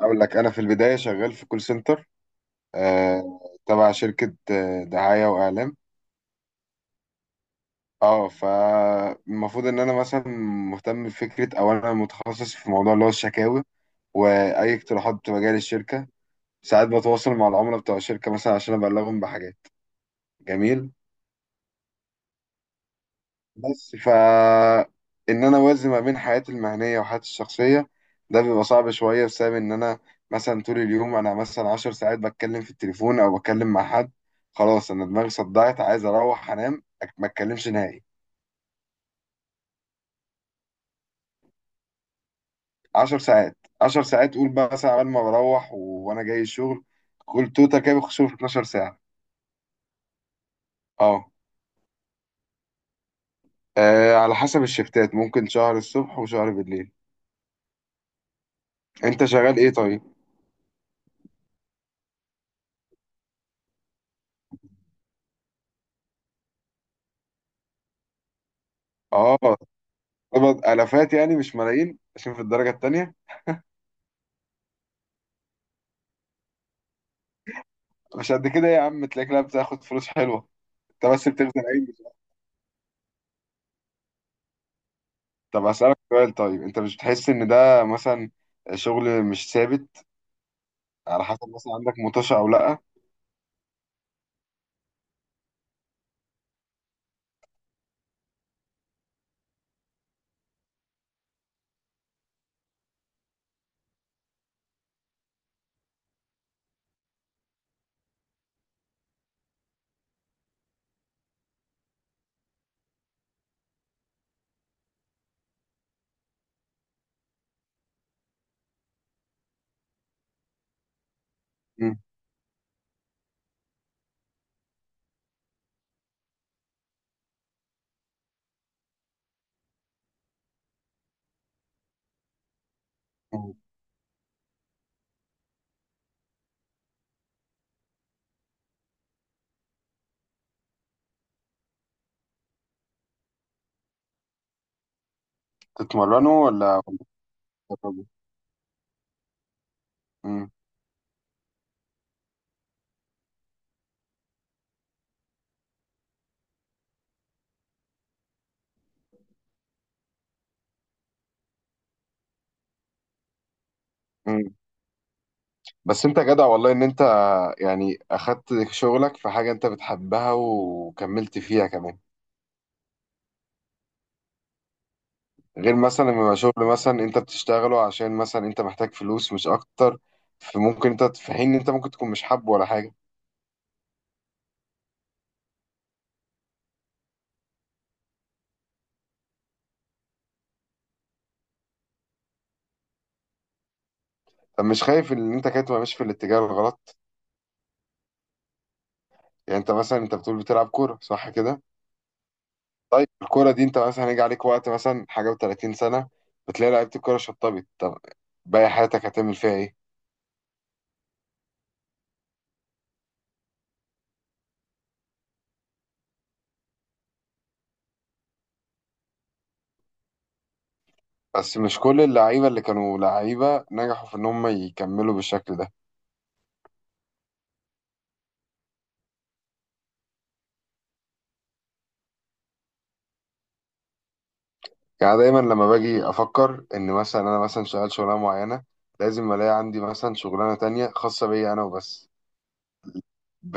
اقول لك انا في البدايه شغال في كول سنتر آه تبع شركه دعايه واعلام. اه فالمفروض ان انا مثلا مهتم بفكره، او انا متخصص في موضوع اللي هو الشكاوي واي اقتراحات بتبقى جايه للشركه. ساعات بتواصل مع العملاء بتوع الشركه مثلا عشان ابلغهم بحاجات. جميل. بس ان انا اوازن ما بين حياتي المهنيه وحياتي الشخصيه، ده بيبقى صعب شويه بسبب ان انا مثلا طول اليوم، انا مثلا عشر ساعات بتكلم في التليفون او بتكلم مع حد. خلاص انا دماغي صدعت، عايز اروح انام، ما اتكلمش نهائي. عشر ساعات عشر ساعات قول بقى مثلا قبل ما بروح وانا جاي الشغل. قول توتا كده بخش في 12 ساعه. اه. على حسب الشفتات ممكن شهر الصبح وشهر بالليل. انت شغال ايه طيب؟ اه، قبض الافات يعني مش ملايين عشان في الدرجه التانيه. مش قد كده يا عم، تلاقيك لا بتاخد فلوس حلوه. انت بس بتخزن اي ميزانية. طب اسالك سؤال طيب، انت مش بتحس ان ده مثلا شغل مش ثابت؟ على حسب، مثلا عندك مطوشه او لا؟ مم. مم. تتمرنوا ولا بتتدربوا؟ مم. مم. بس انت جدع والله، ان انت يعني اخدت شغلك في حاجه انت بتحبها وكملت فيها كمان. غير مثلا لما يبقى شغل مثلا انت بتشتغله عشان مثلا انت محتاج فلوس مش اكتر، فممكن انت في حين ان انت ممكن تكون مش حابه ولا حاجه. طب مش خايف ان انت كده تبقى ماشي في الاتجاه الغلط؟ يعني انت مثلا انت بتقول بتلعب كوره صح كده؟ طيب الكوره دي، انت مثلا هيجي عليك وقت مثلا حاجه و30 سنه، بتلاقي لعيبه الكوره شطبت. طب باقي حياتك هتعمل فيها ايه؟ بس مش كل اللعيبه اللي كانوا لعيبه نجحوا في ان هم يكملوا بالشكل ده. يعني دايما لما باجي افكر ان مثلا انا مثلا شغال شغلانه معينه، لازم الاقي عندي مثلا شغلانه تانية خاصه بيا انا وبس.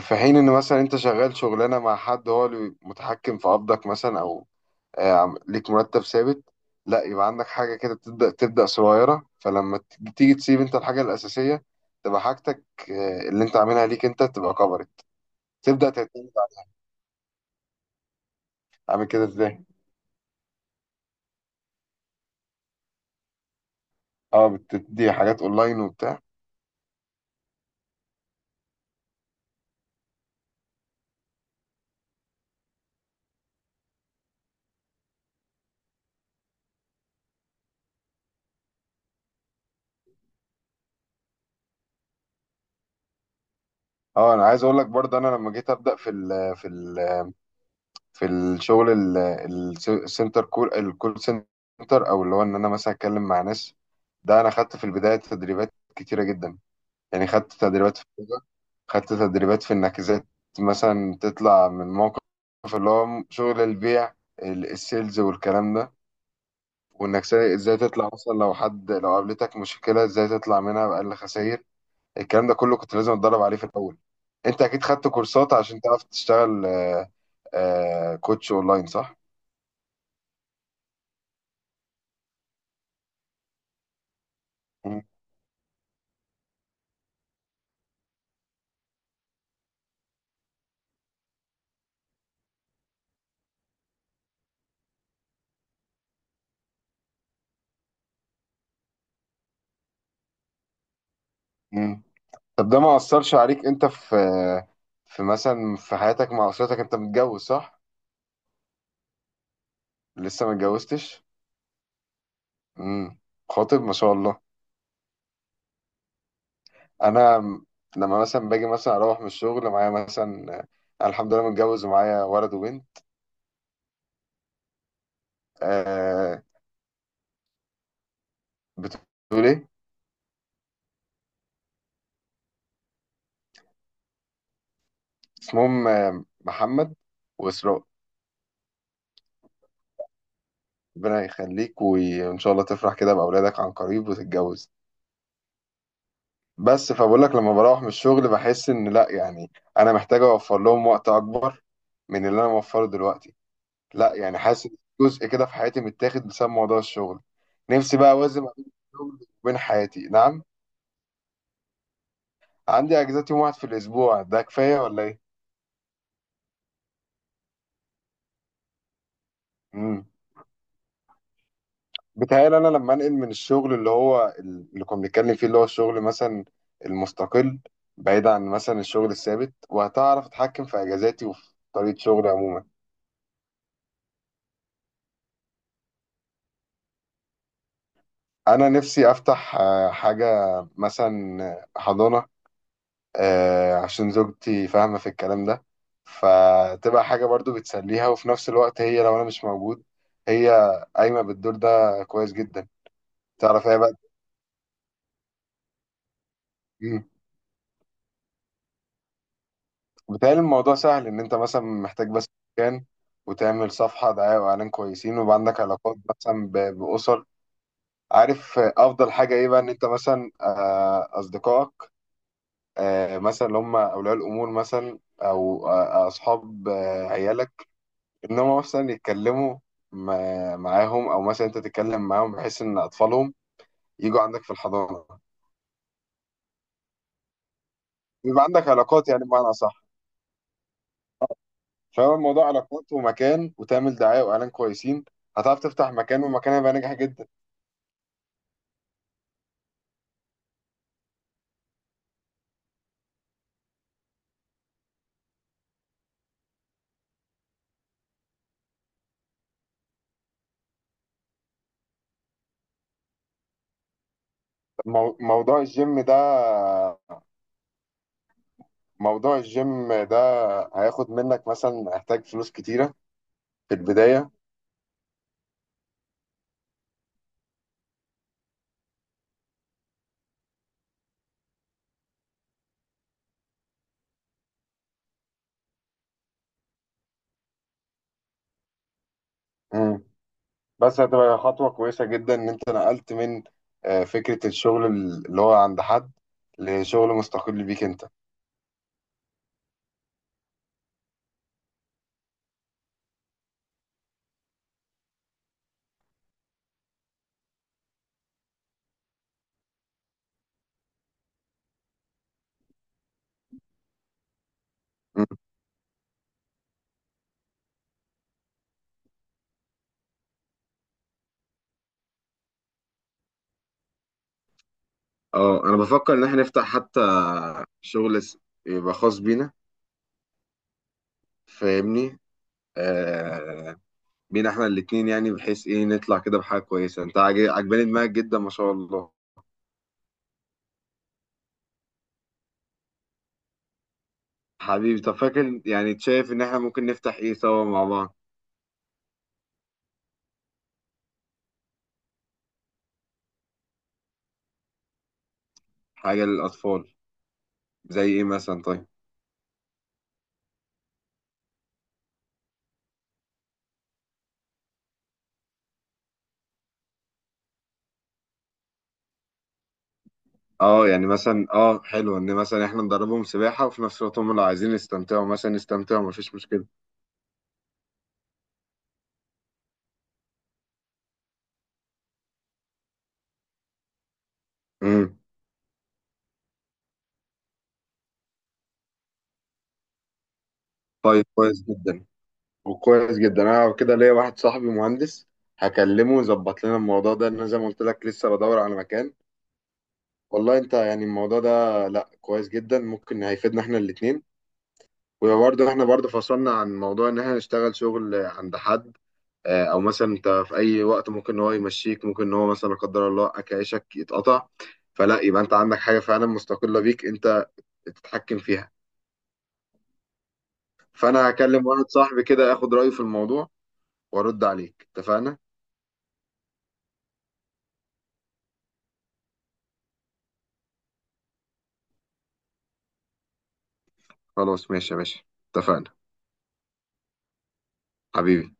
في حين ان مثلا انت شغال شغلانه مع حد هو اللي متحكم في قبضك مثلا، او ليك مرتب ثابت. لا، يبقى عندك حاجة كده تبدأ صغيرة، فلما تيجي تسيب انت الحاجة الأساسية، تبقى حاجتك اللي انت عاملها ليك انت، تبقى كبرت، تبدأ تعتمد عليها. عامل كده ازاي؟ اه، بتدي حاجات اونلاين وبتاع. اه، انا عايز اقول لك برضه، انا لما جيت ابدا في الشغل ال- الس- السنتر كول الكول سنتر، او اللي هو ان انا مثلا اتكلم مع ناس، ده انا خدت في البدايه تدريبات كتيره جدا. يعني خدت تدريبات في اللغة، خدت تدريبات في انك ازاي مثلا تطلع من موقف اللي هو شغل البيع، السيلز والكلام ده، وانك ازاي تطلع، مثلا لو حد، لو قابلتك مشكلة ازاي تطلع منها بأقل خسائر. الكلام ده كله كنت لازم اتدرب عليه في الاول. انت اكيد خدت كورسات عشان تعرف تشتغل كوتش اونلاين صح؟ مم. مم. طب ده ما أثرش عليك انت في في مثلا في حياتك مع اسرتك؟ انت متجوز صح؟ لسه ما اتجوزتش؟ مم. خاطب ما شاء الله. انا م- لما مثلا باجي مثلا اروح من الشغل، معايا مثلا أنا الحمد لله متجوز ومعايا ولد وبنت. آه، بتقول ايه؟ اسمهم محمد واسراء. ربنا يخليك، وان شاء الله تفرح كده باولادك عن قريب وتتجوز. بس فبقول لك، لما بروح من الشغل بحس ان لا يعني انا محتاج اوفر لهم وقت اكبر من اللي انا موفره دلوقتي. لا يعني حاسس إن جزء كده في حياتي متاخد بسبب موضوع الشغل. نفسي بقى اوازن ما بين الشغل وبين حياتي. نعم. عندي اجازات يوم واحد في الاسبوع، ده كفايه ولا ايه؟ امم. بتهيألي انا لما انقل من الشغل اللي هو اللي كنا بنتكلم فيه، اللي هو الشغل مثلا المستقل، بعيد عن مثلا الشغل الثابت، وهتعرف اتحكم في اجازاتي وفي طريقه شغلي عموما. انا نفسي افتح حاجه، مثلا حضانه، عشان زوجتي فاهمه في الكلام ده، فتبقى حاجه برضو بتسليها، وفي نفس الوقت هي لو انا مش موجود، هي قايمه بالدور ده. كويس جدا. تعرف هي بقى، بتهيألي الموضوع سهل، إن أنت مثلا محتاج بس مكان، وتعمل صفحة دعاية وإعلان كويسين، ويبقى عندك علاقات مثلا بأسر. عارف أفضل حاجة إيه بقى؟ إن أنت مثلا أصدقائك، مثلا اللي هم أولياء الأمور، مثلا أو أصحاب عيالك، إن هم مثلا يتكلموا معاهم، أو مثلا أنت تتكلم معاهم، بحيث إن أطفالهم يجوا عندك في الحضانة. يبقى عندك علاقات يعني، بمعنى أصح فهو الموضوع علاقات ومكان، وتعمل دعاية وإعلان كويسين، هتعرف تفتح مكان، ومكان هيبقى ناجح جدا. مو- موضوع الجيم ده موضوع الجيم ده هياخد منك مثلا، هيحتاج فلوس كتيرة في البداية. مم. بس هتبقى خطوة كويسة جدا إن أنت نقلت من فكرة الشغل اللي هو عند حد، لشغل مستقل بيك أنت. مم. اه، انا بفكر ان احنا نفتح حتى شغل، يبقى خاص بينا، فاهمني؟ آه، بينا احنا الاتنين يعني، بحيث ايه نطلع كده بحاجة كويسة. انت عجباني دماغك جدا ما شاء الله. حبيبي، طب فاكر يعني شايف ان احنا ممكن نفتح ايه سوا مع بعض؟ حاجة للأطفال، زي ايه مثلا طيب؟ اه يعني مثلا، حلو ان مثلا احنا ندربهم سباحة، وفي نفس الوقت هم لو عايزين يستمتعوا مثلا، يستمتعوا مفيش مشكلة. امم. طيب كويس جدا. وكويس جدا انا كده ليا واحد صاحبي مهندس، هكلمه يظبط لنا الموضوع ده. انا زي ما قلت لك لسه بدور على مكان. والله انت يعني الموضوع ده، لا كويس جدا، ممكن هيفيدنا احنا الاتنين. وبرضه احنا برضه فصلنا عن موضوع ان احنا نشتغل شغل عند حد. اه، او مثلا انت في اي وقت ممكن ان هو يمشيك، ممكن ان هو مثلا لا قدر الله اكل عيشك يتقطع. فلا يبقى انت عندك حاجه فعلا مستقله بيك انت، تتحكم فيها. فانا هكلم واحد صاحبي كده، اخد رايه في الموضوع، وارد عليك، اتفقنا؟ خلاص ماشي يا باشا، اتفقنا حبيبي.